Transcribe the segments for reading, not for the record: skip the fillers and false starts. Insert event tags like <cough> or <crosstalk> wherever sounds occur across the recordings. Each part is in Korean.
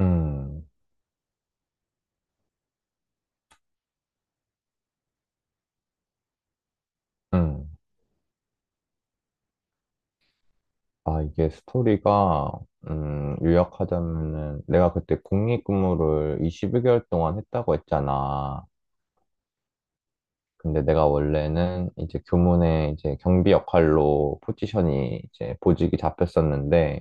음, 음. 아, 이게 스토리가, 요약하자면은, 내가 그때 국립근무를 21개월 동안 했다고 했잖아. 근데 내가 원래는 이제 교문에 이제 경비 역할로 포지션이 이제 보직이 잡혔었는데,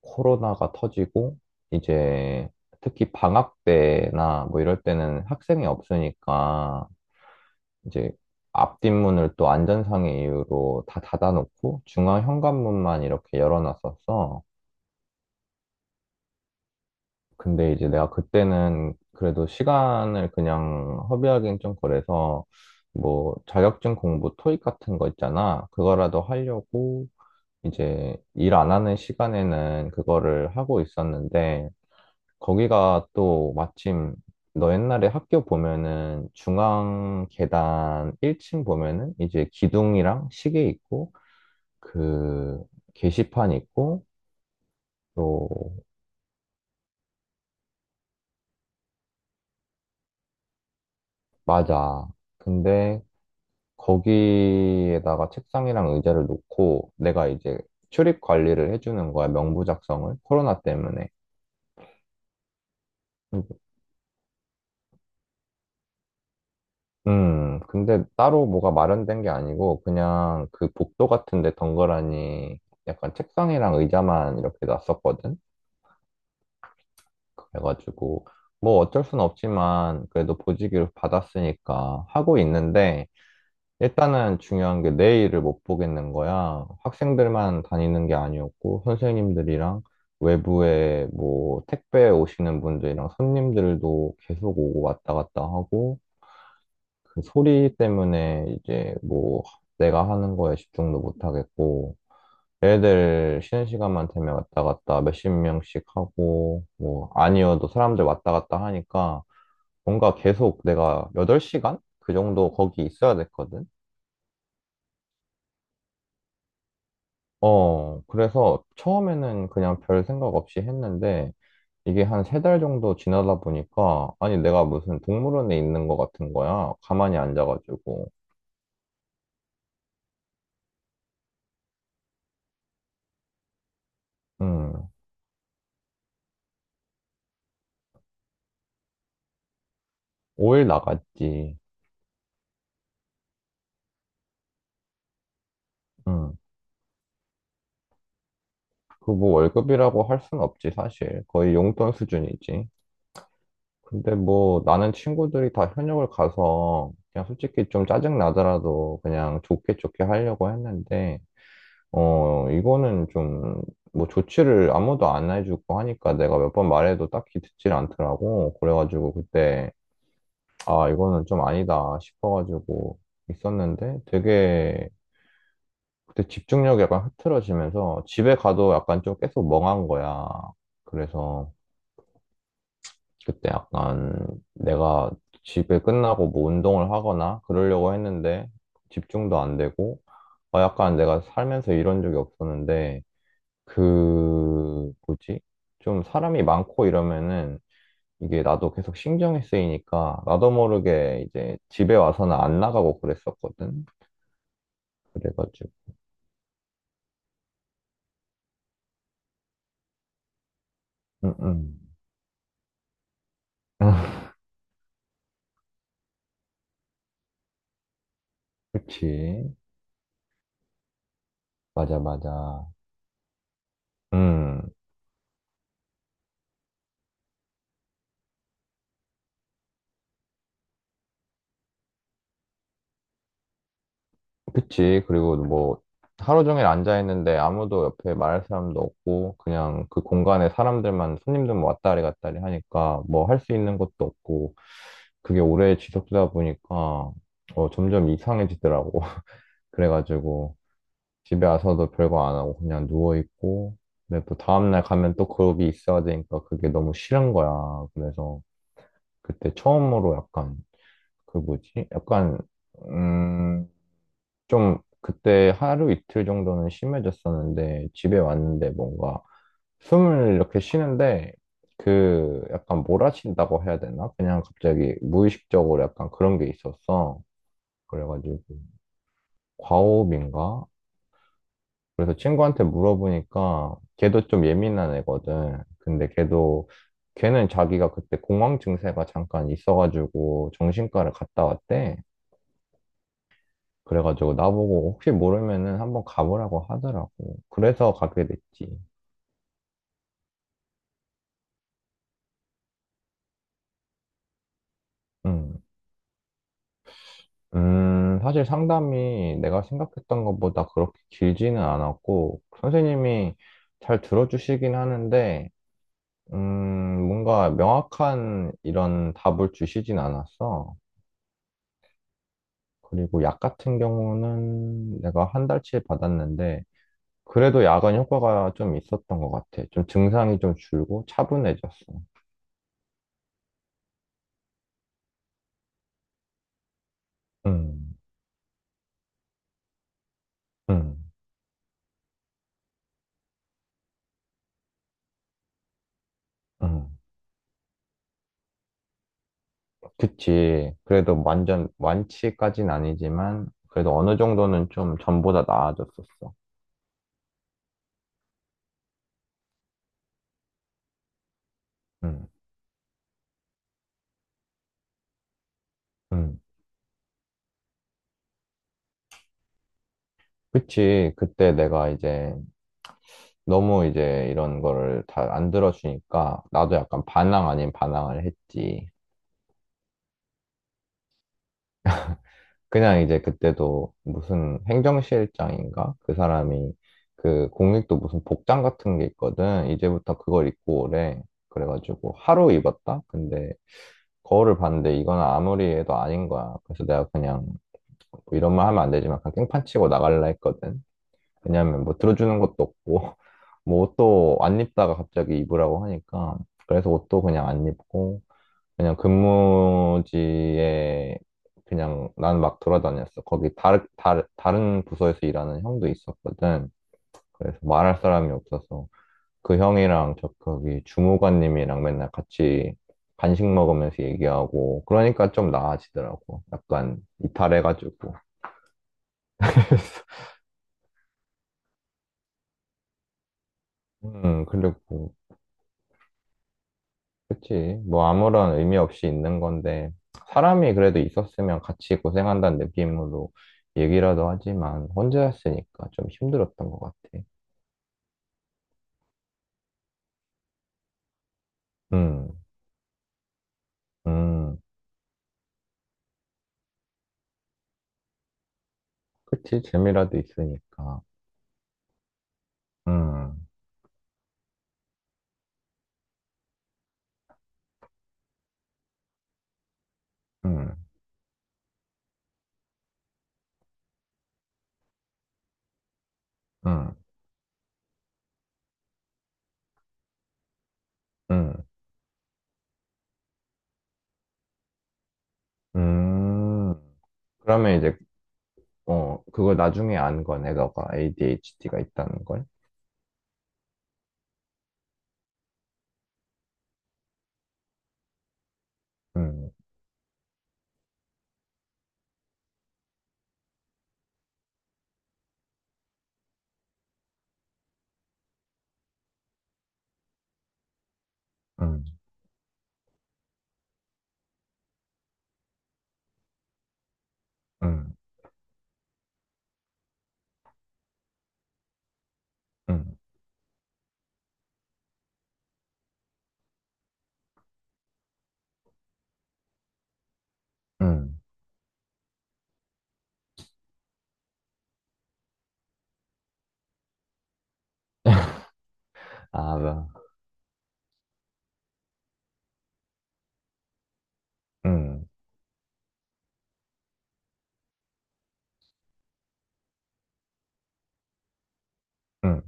코로나가 터지고, 이제 특히 방학 때나 뭐 이럴 때는 학생이 없으니까, 이제 앞뒷문을 또 안전상의 이유로 다 닫아놓고, 중앙 현관문만 이렇게 열어놨었어. 근데 이제 내가 그때는 그래도 시간을 그냥 허비하기엔 좀 그래서 뭐 자격증 공부 토익 같은 거 있잖아. 그거라도 하려고 이제 일 안 하는 시간에는 그거를 하고 있었는데 거기가 또 마침 너 옛날에 학교 보면은 중앙 계단 1층 보면은 이제 기둥이랑 시계 있고 그 게시판 있고 또 맞아. 근데 거기에다가 책상이랑 의자를 놓고 내가 이제 출입 관리를 해주는 거야, 명부 작성을. 코로나 때문에. 음, 근데 따로 뭐가 마련된 게 아니고 그냥 그 복도 같은 데 덩그러니 약간 책상이랑 의자만 이렇게 놨었거든. 그래가지고 뭐 어쩔 순 없지만 그래도 보직을 받았으니까 하고 있는데 일단은 중요한 게 내일을 못 보겠는 거야. 학생들만 다니는 게 아니었고, 선생님들이랑 외부에 뭐 택배 오시는 분들이랑 손님들도 계속 오고 왔다 갔다 하고, 그 소리 때문에 이제 뭐 내가 하는 거에 집중도 못 하겠고, 애들 쉬는 시간만 되면 왔다 갔다 몇십 명씩 하고, 뭐 아니어도 사람들 왔다 갔다 하니까, 뭔가 계속 내가 8시간? 그 정도 거기 있어야 됐거든. 어, 그래서 처음에는 그냥 별 생각 없이 했는데 이게 한 3달 정도 지나다 보니까 아니 내가 무슨 동물원에 있는 것 같은 거야. 가만히 앉아가지고. 음, 5일 나갔지. 음, 그 뭐 월급이라고 할 순 없지 사실. 거의 용돈 수준이지. 근데 뭐 나는 친구들이 다 현역을 가서 그냥 솔직히 좀 짜증 나더라도 그냥 좋게 좋게 하려고 했는데 어, 이거는 좀, 뭐, 조치를 아무도 안 해주고 하니까 내가 몇 번 말해도 딱히 듣질 않더라고. 그래가지고 그때, 아, 이거는 좀 아니다 싶어가지고 있었는데 되게 그때 집중력이 약간 흐트러지면서 집에 가도 약간 좀 계속 멍한 거야. 그래서 그때 약간 내가 집에 끝나고 뭐 운동을 하거나 그러려고 했는데 집중도 안 되고, 아, 약간 내가 살면서 이런 적이 없었는데 그, 뭐지? 좀 사람이 많고 이러면은 이게 나도 계속 신경이 쓰이니까 나도 모르게 이제 집에 와서는 안 나가고 그랬었거든. 그래가지고. 응, 응. <laughs> 그치. 맞아, 맞아. 음, 그치. 그리고 뭐, 하루 종일 앉아있는데 아무도 옆에 말할 사람도 없고, 그냥 그 공간에 사람들만, 손님들만 왔다리 갔다리 하니까 뭐 할 수 있는 것도 없고, 그게 오래 지속되다 보니까, 어, 점점 이상해지더라고. 그래가지고 집에 와서도 별거 안 하고 그냥 누워있고 근데 또 다음날 가면 또 그룹이 있어야 되니까 그게 너무 싫은 거야. 그래서 그때 처음으로 약간 그 뭐지? 약간 음, 좀 그때 하루 이틀 정도는 심해졌었는데 집에 왔는데 뭔가 숨을 이렇게 쉬는데 그 약간 몰아친다고 해야 되나? 그냥 갑자기 무의식적으로 약간 그런 게 있었어. 그래가지고 과호흡인가? 그래서 친구한테 물어보니까 걔도 좀 예민한 애거든. 근데 걔도 걔는 자기가 그때 공황 증세가 잠깐 있어가지고 정신과를 갔다 왔대. 그래가지고 나보고 혹시 모르면은 한번 가보라고 하더라고. 그래서 가게 됐지. 음. 사실 상담이 내가 생각했던 것보다 그렇게 길지는 않았고, 선생님이 잘 들어주시긴 하는데, 뭔가 명확한 이런 답을 주시진 않았어. 그리고 약 같은 경우는 내가 한 달치 받았는데, 그래도 약은 효과가 좀 있었던 것 같아. 좀 증상이 좀 줄고 차분해졌어. 음, 음, 음. 그치. 그래도 완전 완치까진 아니지만, 그래도 어느 정도는 좀 전보다 나아졌었어. 음, 음. 그치. 그때 내가 이제 너무 이제 이런 거를 다 안 들어주니까, 나도 약간 반항 아닌 반항을 했지. 그냥 이제 그때도 무슨 행정실장인가? 그 사람이 그 공익도 무슨 복장 같은 게 있거든. 이제부터 그걸 입고 오래. 그래가지고 하루 입었다? 근데 거울을 봤는데 이건 아무리 해도 아닌 거야. 그래서 내가 그냥 뭐 이런 말 하면 안 되지만 그냥 깽판 치고 나갈라 했거든. 왜냐면 뭐 들어주는 것도 없고 <laughs> 뭐 옷도 안 입다가 갑자기 입으라고 하니까. 그래서 옷도 그냥 안 입고 그냥 근무지에 그냥 난 막 돌아다녔어. 거기 다른 부서에서 일하는 형도 있었거든. 그래서 말할 사람이 없어서 그 형이랑 저 거기 주무관님이랑 맨날 같이 간식 먹으면서 얘기하고 그러니까 좀 나아지더라고. 약간 이탈해가지고. 그리고 그치. 뭐 아무런 의미 없이 있는 건데, 사람이 그래도 있었으면 같이 고생한다는 느낌으로 얘기라도 하지만, 혼자였으니까 좀 힘들었던 것 같아. 음, 음, 그치. 재미라도 있으니까. 음, 음, 음, 음, 음. 그러면 이제, 어, 그걸 나중에 안 거네, 너가 ADHD가 있다는 걸. 음, 음, 음, 음, 음. 아, 뭐, 음, 음,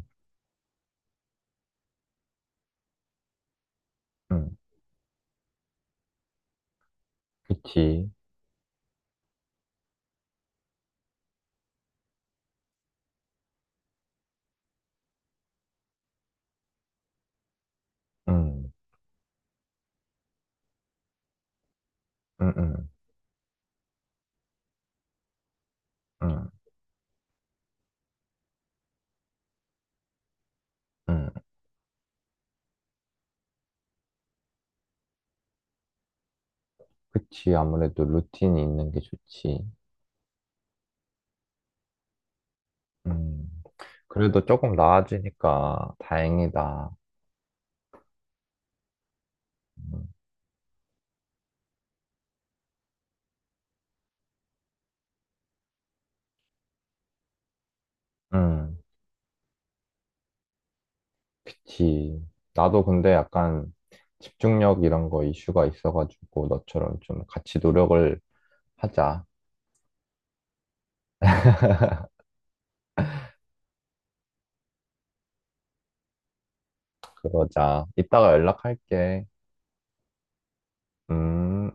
음. 그치. 음, 음, 음. 응, 응. 그치. 아무래도 루틴이 있는 게 좋지. 음. 그래도 조금 나아지니까 다행이다. 음, 응, 그치. 나도 근데 약간 집중력 이런 거 이슈가 있어가지고 너처럼 좀 같이 노력을 하자. 그러자. 이따가 연락할게. 음.